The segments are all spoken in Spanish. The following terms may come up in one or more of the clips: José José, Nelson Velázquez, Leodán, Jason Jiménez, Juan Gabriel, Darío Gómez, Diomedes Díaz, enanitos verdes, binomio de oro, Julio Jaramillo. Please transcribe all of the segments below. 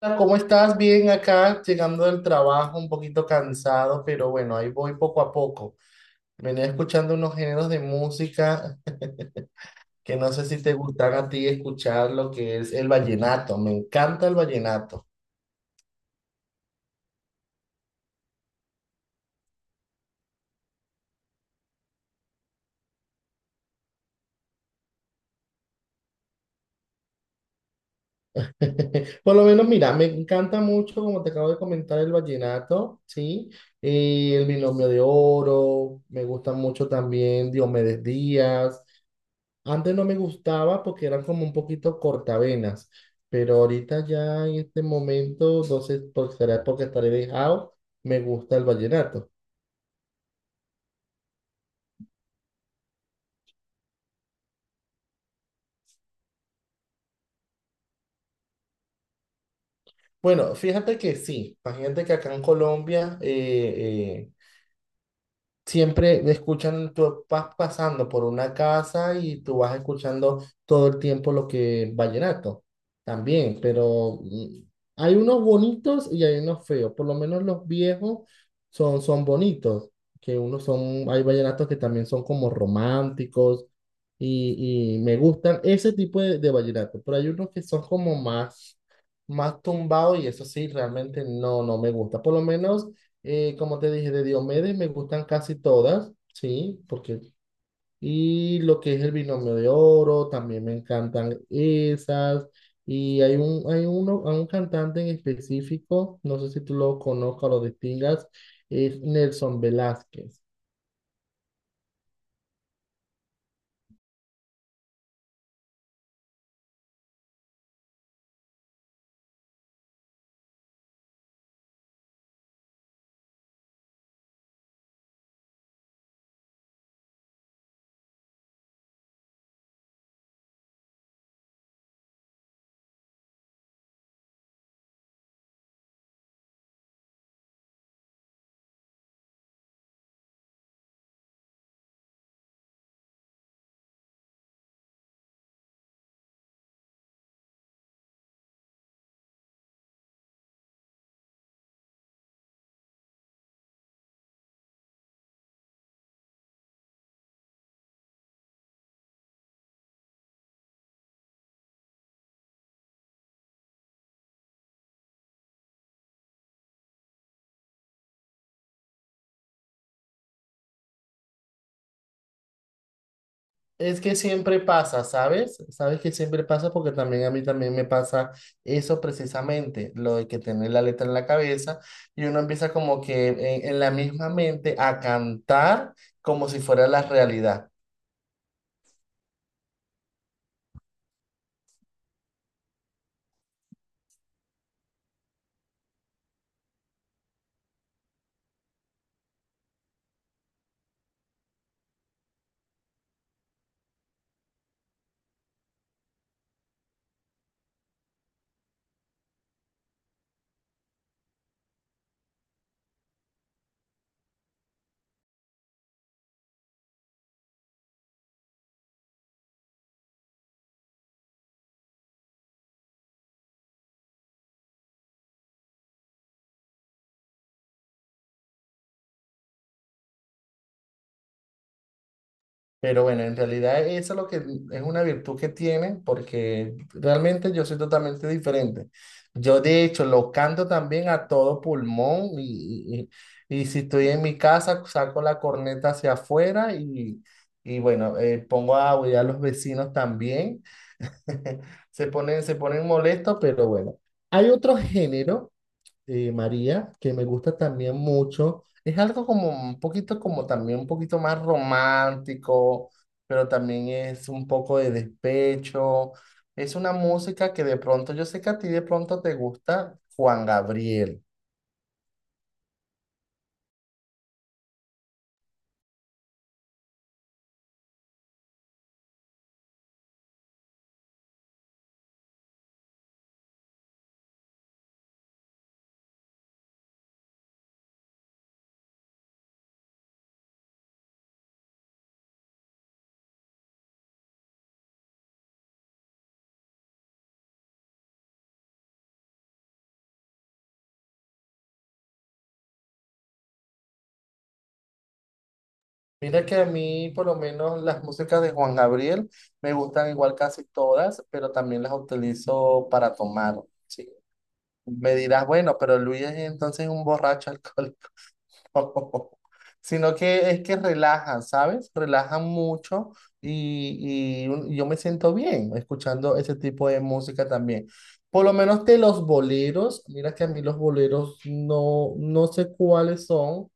Hola, ¿cómo estás? Bien acá, llegando del trabajo, un poquito cansado, pero bueno, ahí voy poco a poco. Venía escuchando unos géneros de música que no sé si te gustan a ti escuchar lo que es el vallenato. Me encanta el vallenato. Por lo menos, mira, me encanta mucho, como te acabo de comentar, el vallenato, ¿sí? El binomio de oro, me gusta mucho también Diomedes Díaz. Antes no me gustaba porque eran como un poquito cortavenas, pero ahorita ya en este momento, no sé, será porque estaré dejado, me gusta el vallenato. Bueno, fíjate que sí, imagínate que acá en Colombia, siempre escuchan, tú vas pasando por una casa y tú vas escuchando todo el tiempo lo que vallenato también, pero hay unos bonitos y hay unos feos. Por lo menos los viejos son bonitos, que hay vallenatos que también son como románticos y me gustan ese tipo de vallenato, pero hay unos que son como más, más tumbados y eso sí, realmente no me gusta, por lo menos. Como te dije, de Diomedes me gustan casi todas, sí, porque... Y lo que es el binomio de oro, también me encantan esas. Y hay un cantante en específico, no sé si tú lo conozcas o lo distingas, es Nelson Velázquez. Es que siempre pasa, ¿sabes? Sabes que siempre pasa porque también a mí también me pasa eso precisamente, lo de que tener la letra en la cabeza y uno empieza como que en la misma mente a cantar como si fuera la realidad. Pero bueno, en realidad eso es lo que es una virtud que tiene, porque realmente yo soy totalmente diferente. Yo de hecho lo canto también a todo pulmón y si estoy en mi casa saco la corneta hacia afuera y bueno, pongo a aullar a los vecinos también. Se ponen molestos, pero bueno. Hay otro género María, que me gusta también mucho. Es algo como un poquito, como también un poquito más romántico, pero también es un poco de despecho. Es una música que de pronto, yo sé que a ti de pronto te gusta Juan Gabriel. Mira que a mí, por lo menos, las músicas de Juan Gabriel me gustan igual casi todas, pero también las utilizo para tomar. Sí. Me dirás, bueno, pero Luis es entonces un borracho alcohólico. Sino que es que relajan, ¿sabes? Relajan mucho y, yo me siento bien escuchando ese tipo de música también. Por lo menos de los boleros, mira que a mí los boleros no sé cuáles son,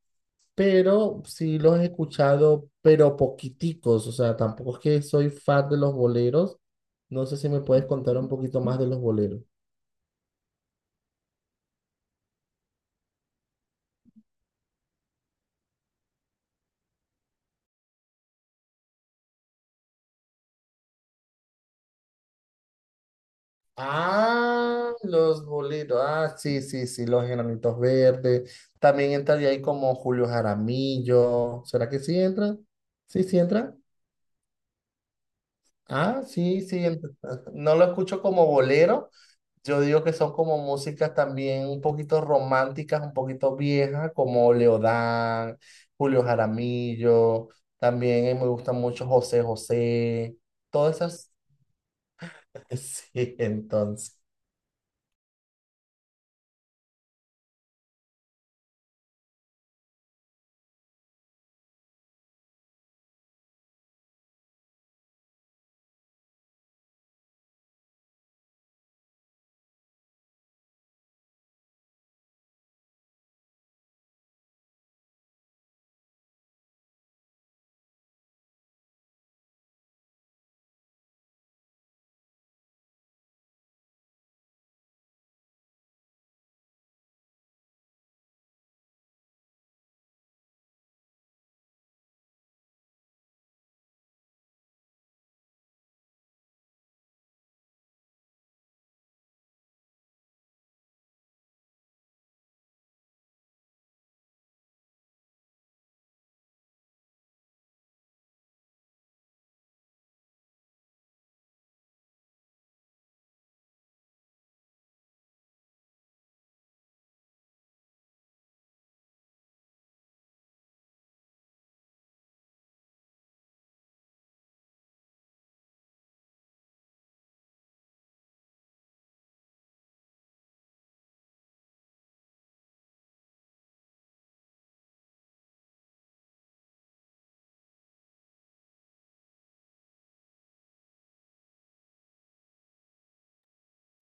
pero sí los he escuchado, pero poquiticos, o sea, tampoco es que soy fan de los boleros. No sé si me puedes contar un poquito más de los boleros. Ah, los bolitos. Ah, sí, sí, sí, los enanitos verdes. También entraría ahí como Julio Jaramillo. ¿Será que sí entra? Sí, sí entra. Ah, sí, sí entra. No lo escucho como bolero. Yo digo que son como músicas también un poquito románticas, un poquito viejas, como Leodán, Julio Jaramillo. También me gusta mucho José José. Todas esas. Sí, entonces.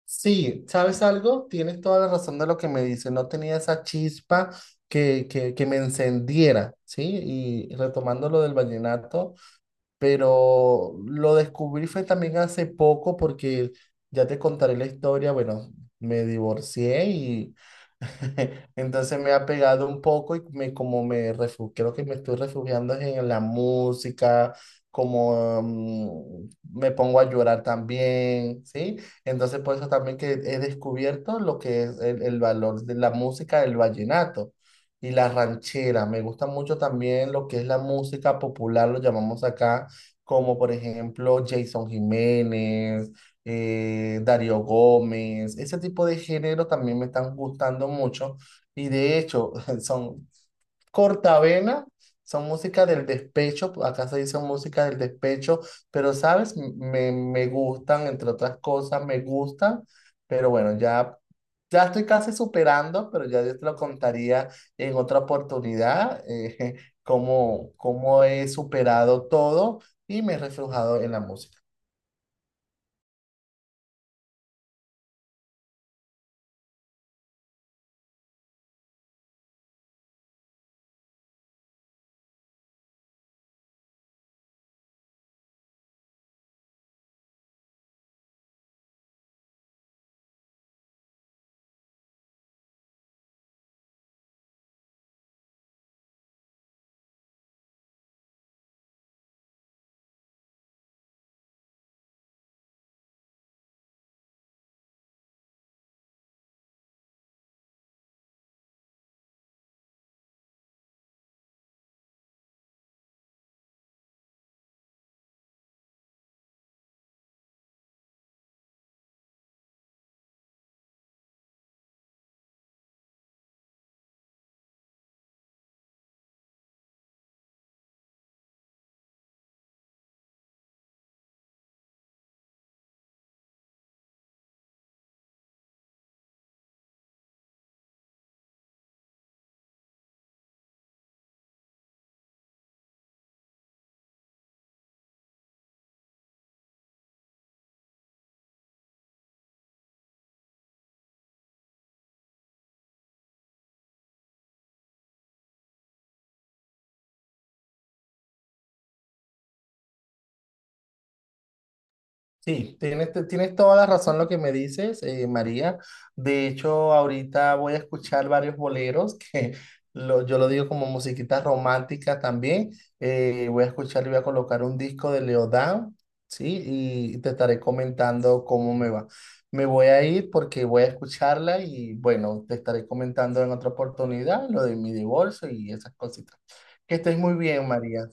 Sí, ¿sabes algo? Tienes toda la razón de lo que me dices. No tenía esa chispa que me encendiera, ¿sí? Y retomando lo del vallenato, pero lo descubrí fue también hace poco porque ya te contaré la historia. Bueno, me divorcié y entonces me ha pegado un poco y me, como me refugio, creo que me estoy refugiando es en la música, como me pongo a llorar también, ¿sí? Entonces por eso también que he descubierto lo que es el valor de la música del vallenato. Y la ranchera, me gusta mucho también lo que es la música popular, lo llamamos acá, como por ejemplo Jason Jiménez, Darío Gómez, ese tipo de género también me están gustando mucho y de hecho son cortavena, son música del despecho, acá se dice música del despecho, pero sabes, me gustan, entre otras cosas, me gustan, pero bueno, ya estoy casi superando, pero ya yo te lo contaría en otra oportunidad, cómo, cómo he superado todo y me he reflejado en la música. Sí, tienes toda la razón lo que me dices, María. De hecho, ahorita voy a escuchar varios boleros que yo lo digo como musiquita romántica también. Voy a escuchar y voy a colocar un disco de Leodán, ¿sí? Y te estaré comentando cómo me va. Me voy a ir porque voy a escucharla y bueno, te estaré comentando en otra oportunidad lo de mi divorcio y esas cositas. Que estés muy bien, María.